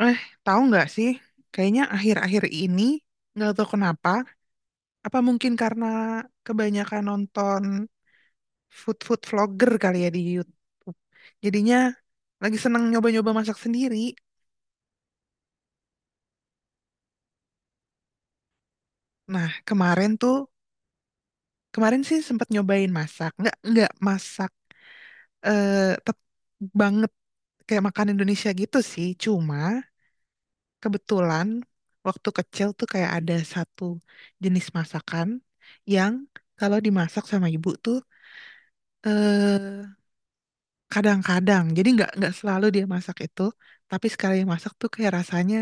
Eh, tahu nggak sih? Kayaknya akhir-akhir ini nggak tahu kenapa. Apa mungkin karena kebanyakan nonton food food vlogger kali ya di YouTube. Jadinya lagi seneng nyoba-nyoba masak sendiri. Nah, kemarin sih sempat nyobain masak. Nggak masak eh tep banget kayak makan Indonesia gitu sih. Cuma kebetulan waktu kecil tuh kayak ada satu jenis masakan yang kalau dimasak sama ibu tuh eh kadang-kadang jadi nggak selalu dia masak itu, tapi sekali masak tuh kayak rasanya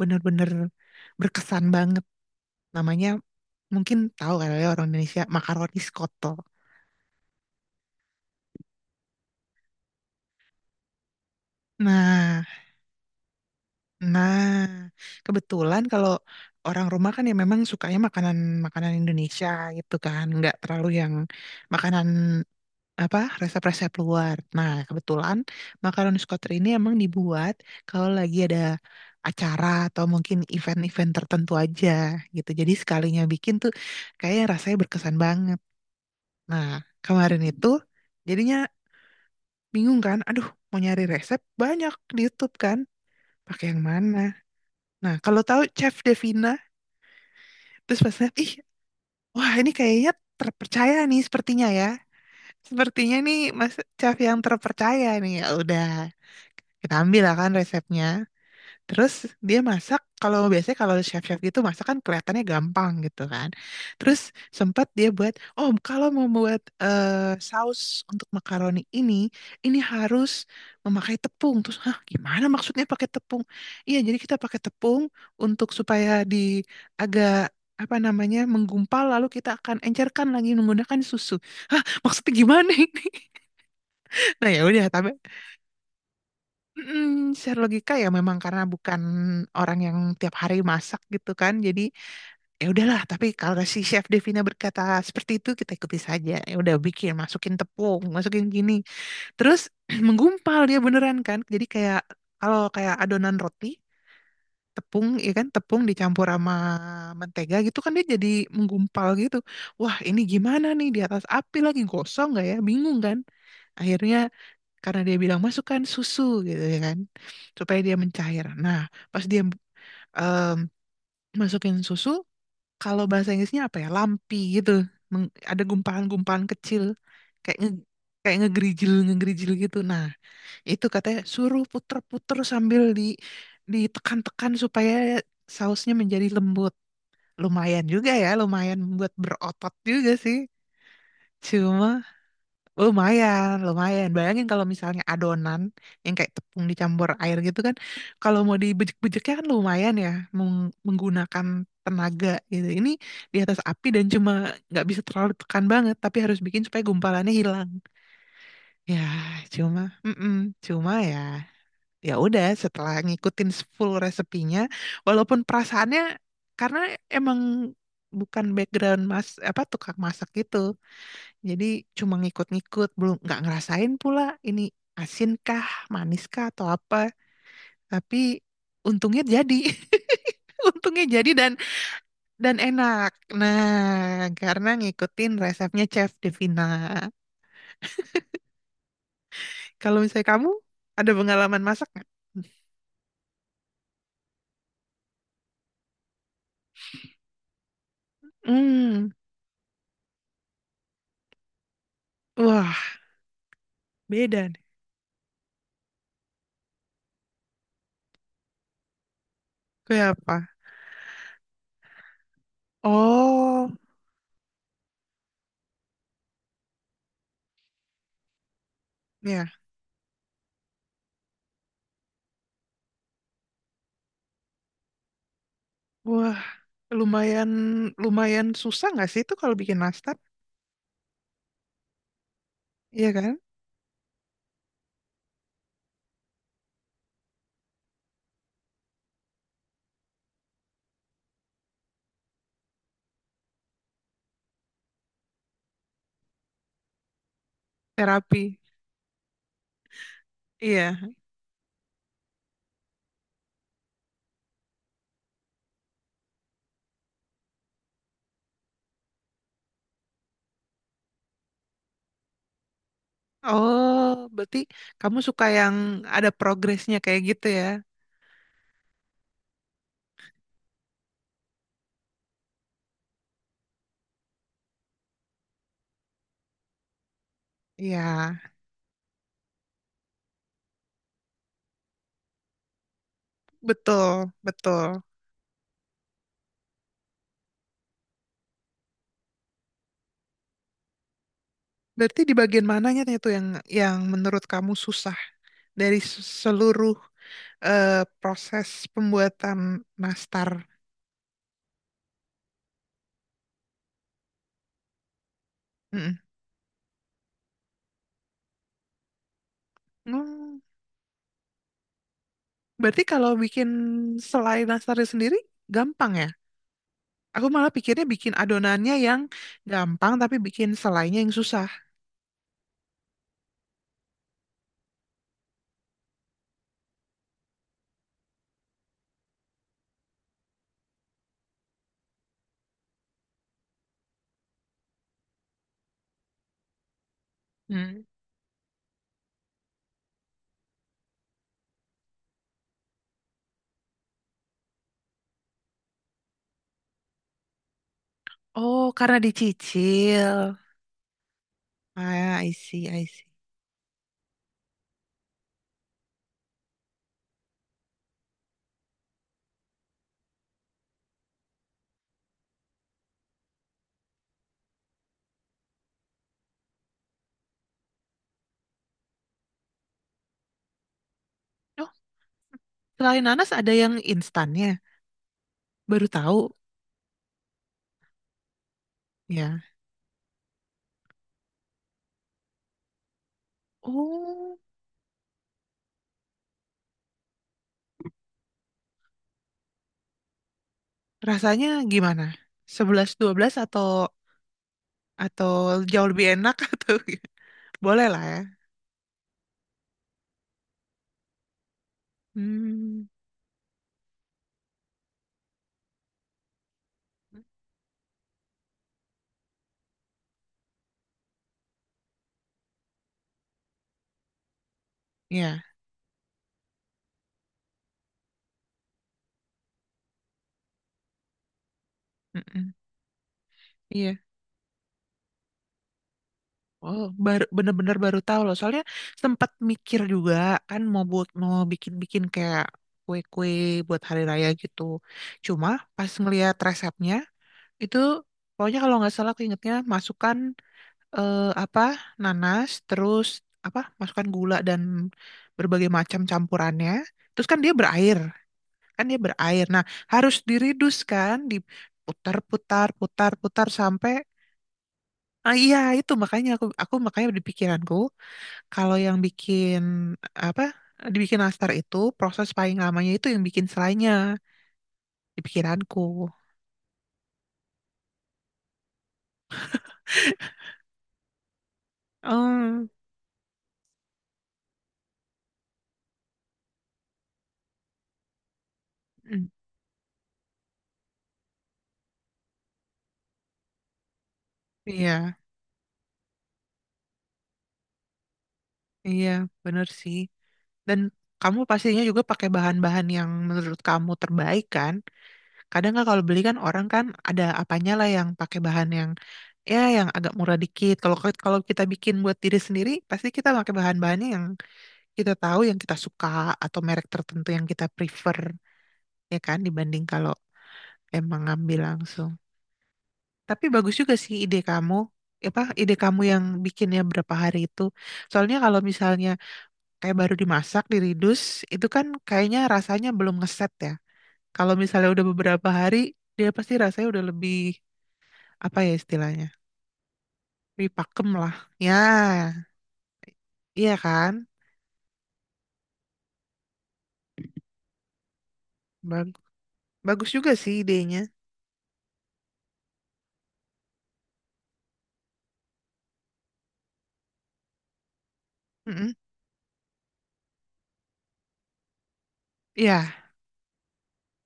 bener-bener berkesan banget. Namanya mungkin tahu kali ya orang Indonesia, makaroni skoto. Nah nah kebetulan kalau orang rumah kan ya memang sukanya makanan makanan Indonesia gitu kan, nggak terlalu yang makanan apa resep-resep luar. Nah, kebetulan makaroni Scotter ini emang dibuat kalau lagi ada acara atau mungkin event-event tertentu aja gitu. Jadi sekalinya bikin tuh kayak rasanya berkesan banget. Nah, kemarin itu jadinya bingung kan, aduh, mau nyari resep banyak di YouTube kan, pakai yang mana? Nah, kalau tahu Chef Devina terus pas lihat, ih, wah ini kayaknya terpercaya nih sepertinya ya. Sepertinya nih Mas Chef yang terpercaya nih. Ya udah, kita ambil lah kan resepnya. Terus dia masak, kalau biasanya kalau chef-chef gitu masak kan kelihatannya gampang gitu kan. Terus sempat dia buat, oh kalau mau buat saus untuk makaroni ini harus memakai tepung. Terus, hah, gimana maksudnya pakai tepung? Iya, jadi kita pakai tepung untuk supaya di agak apa namanya menggumpal, lalu kita akan encerkan lagi menggunakan susu. Hah, maksudnya gimana ini? Nah ya udah, tapi secara logika ya memang karena bukan orang yang tiap hari masak gitu kan. Jadi ya udahlah, tapi kalau si Chef Devina berkata seperti itu kita ikuti saja. Ya udah, bikin, masukin tepung, masukin gini. Terus menggumpal dia beneran kan. Jadi kayak kalau kayak adonan roti, tepung ya kan, tepung dicampur sama mentega gitu kan dia jadi menggumpal gitu. Wah, ini gimana nih di atas api, lagi gosong nggak ya? Bingung kan. Akhirnya karena dia bilang masukkan susu gitu ya kan supaya dia mencair. Nah, pas dia em, masukin susu, kalau bahasa Inggrisnya apa ya? Lampi gitu. Ada gumpalan-gumpalan kecil kayak nge kayak ngegerijil ngegerijil gitu. Nah, itu katanya suruh puter-puter sambil ditekan-tekan supaya sausnya menjadi lembut. Lumayan juga ya, lumayan membuat berotot juga sih. Cuma lumayan, lumayan. Bayangin kalau misalnya adonan yang kayak tepung dicampur air gitu kan, kalau mau dibejek-bejeknya kan lumayan ya, menggunakan tenaga gitu. Ini di atas api dan cuma nggak bisa terlalu tekan banget, tapi harus bikin supaya gumpalannya hilang. Ya, cuma, mm-mm, cuma ya, ya udah. Setelah ngikutin full resepinya, walaupun perasaannya karena emang bukan background mas apa tukang masak gitu, jadi cuma ngikut-ngikut, belum nggak ngerasain pula ini asin kah, manis kah atau apa. Tapi untungnya jadi. Untungnya jadi dan enak. Nah, karena ngikutin resepnya Chef Devina. Kalau misalnya kamu ada pengalaman masak nggak? Hmm, wah, beda nih. Kue apa? Oh, ya. Wah, lumayan lumayan susah nggak sih itu kalau bikin nastar? Iya kan? Terapi. Iya. Oh, berarti kamu suka yang ada progresnya kayak gitu ya? Iya, betul, betul. Berarti di bagian mananya tuh yang menurut kamu susah dari seluruh eh, proses pembuatan nastar? Mm-mm. Hmm, berarti kalau bikin selai nastarnya sendiri gampang ya? Aku malah pikirnya bikin adonannya yang gampang tapi bikin selainya yang susah. Hmm. Oh, karena dicicil. Ah, I see, I see. Oh, selain nanas ada yang instannya. Baru tahu ya. Oh, rasanya gimana? Sebelas dua belas atau jauh lebih enak atau gimana? Boleh lah ya. Hmm. Iya. Mm-mm. Iya. Oh, baru bener-bener baru tahu loh. Soalnya sempat mikir juga kan mau bikin-bikin kayak kue-kue buat hari raya gitu. Cuma pas ngelihat resepnya itu pokoknya kalau nggak salah aku ingetnya masukkan eh, apa nanas, terus apa masukkan gula dan berbagai macam campurannya, terus kan dia berair kan dia berair. Nah, harus diridus kan, diputar putar putar putar sampai— Ah iya, itu makanya aku makanya di pikiranku kalau yang bikin apa dibikin nastar itu proses paling lamanya itu yang bikin selainya, di pikiranku. Oh. Mm, iya iya bener sih. Dan kamu pastinya juga pakai bahan-bahan yang menurut kamu terbaik kan? Kadang nggak kalau beli kan, orang kan ada apanya lah yang pakai bahan yang ya yang agak murah dikit. Kalau kalau kita bikin buat diri sendiri, pasti kita pakai bahan-bahannya yang kita tahu, yang kita suka, atau merek tertentu yang kita prefer, ya kan, dibanding kalau emang ngambil langsung. Tapi bagus juga sih ide kamu. Apa ide kamu yang bikinnya berapa hari itu? Soalnya kalau misalnya kayak baru dimasak, diridus, itu kan kayaknya rasanya belum ngeset ya. Kalau misalnya udah beberapa hari, dia pasti rasanya udah lebih, apa ya istilahnya, lebih pakem lah. Ya, iya kan? Bag- Bagus juga sih idenya. Mm-mm. Iya,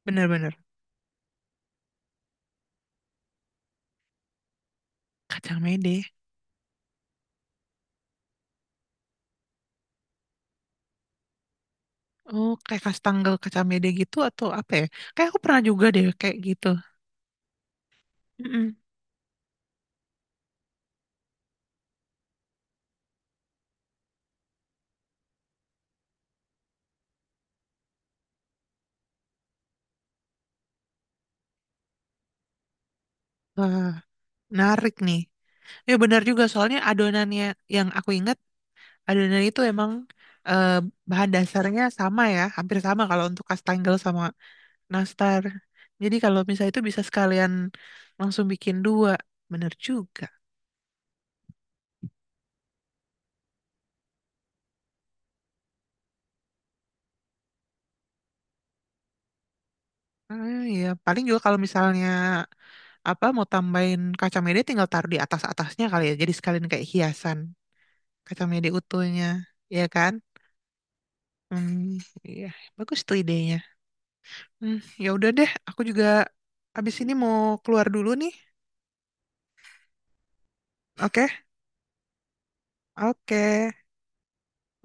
bener-bener. Kacang mede. Oh, kayak kastangel kacang mede gitu atau apa ya? Kayak aku pernah juga deh kayak gitu. Mm-mm. Wah, menarik nih. Ya benar juga, soalnya adonannya yang aku ingat. Adonan itu emang eh, bahan dasarnya sama ya, hampir sama kalau untuk kastengel sama nastar. Jadi kalau misalnya itu bisa sekalian langsung bikin dua, bener juga. Ah, ya paling juga kalau misalnya apa mau tambahin kacang mede tinggal taruh di atas-atasnya kali ya. Jadi sekalian kayak hiasan kacang mede utuhnya, ya kan? Hmm, iya, bagus tuh idenya. Hmm, ya udah deh, aku juga abis ini mau keluar dulu nih. Oke, oke.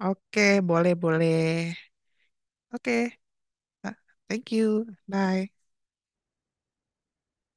Oke, boleh, boleh. Oke, ah, thank you. Bye.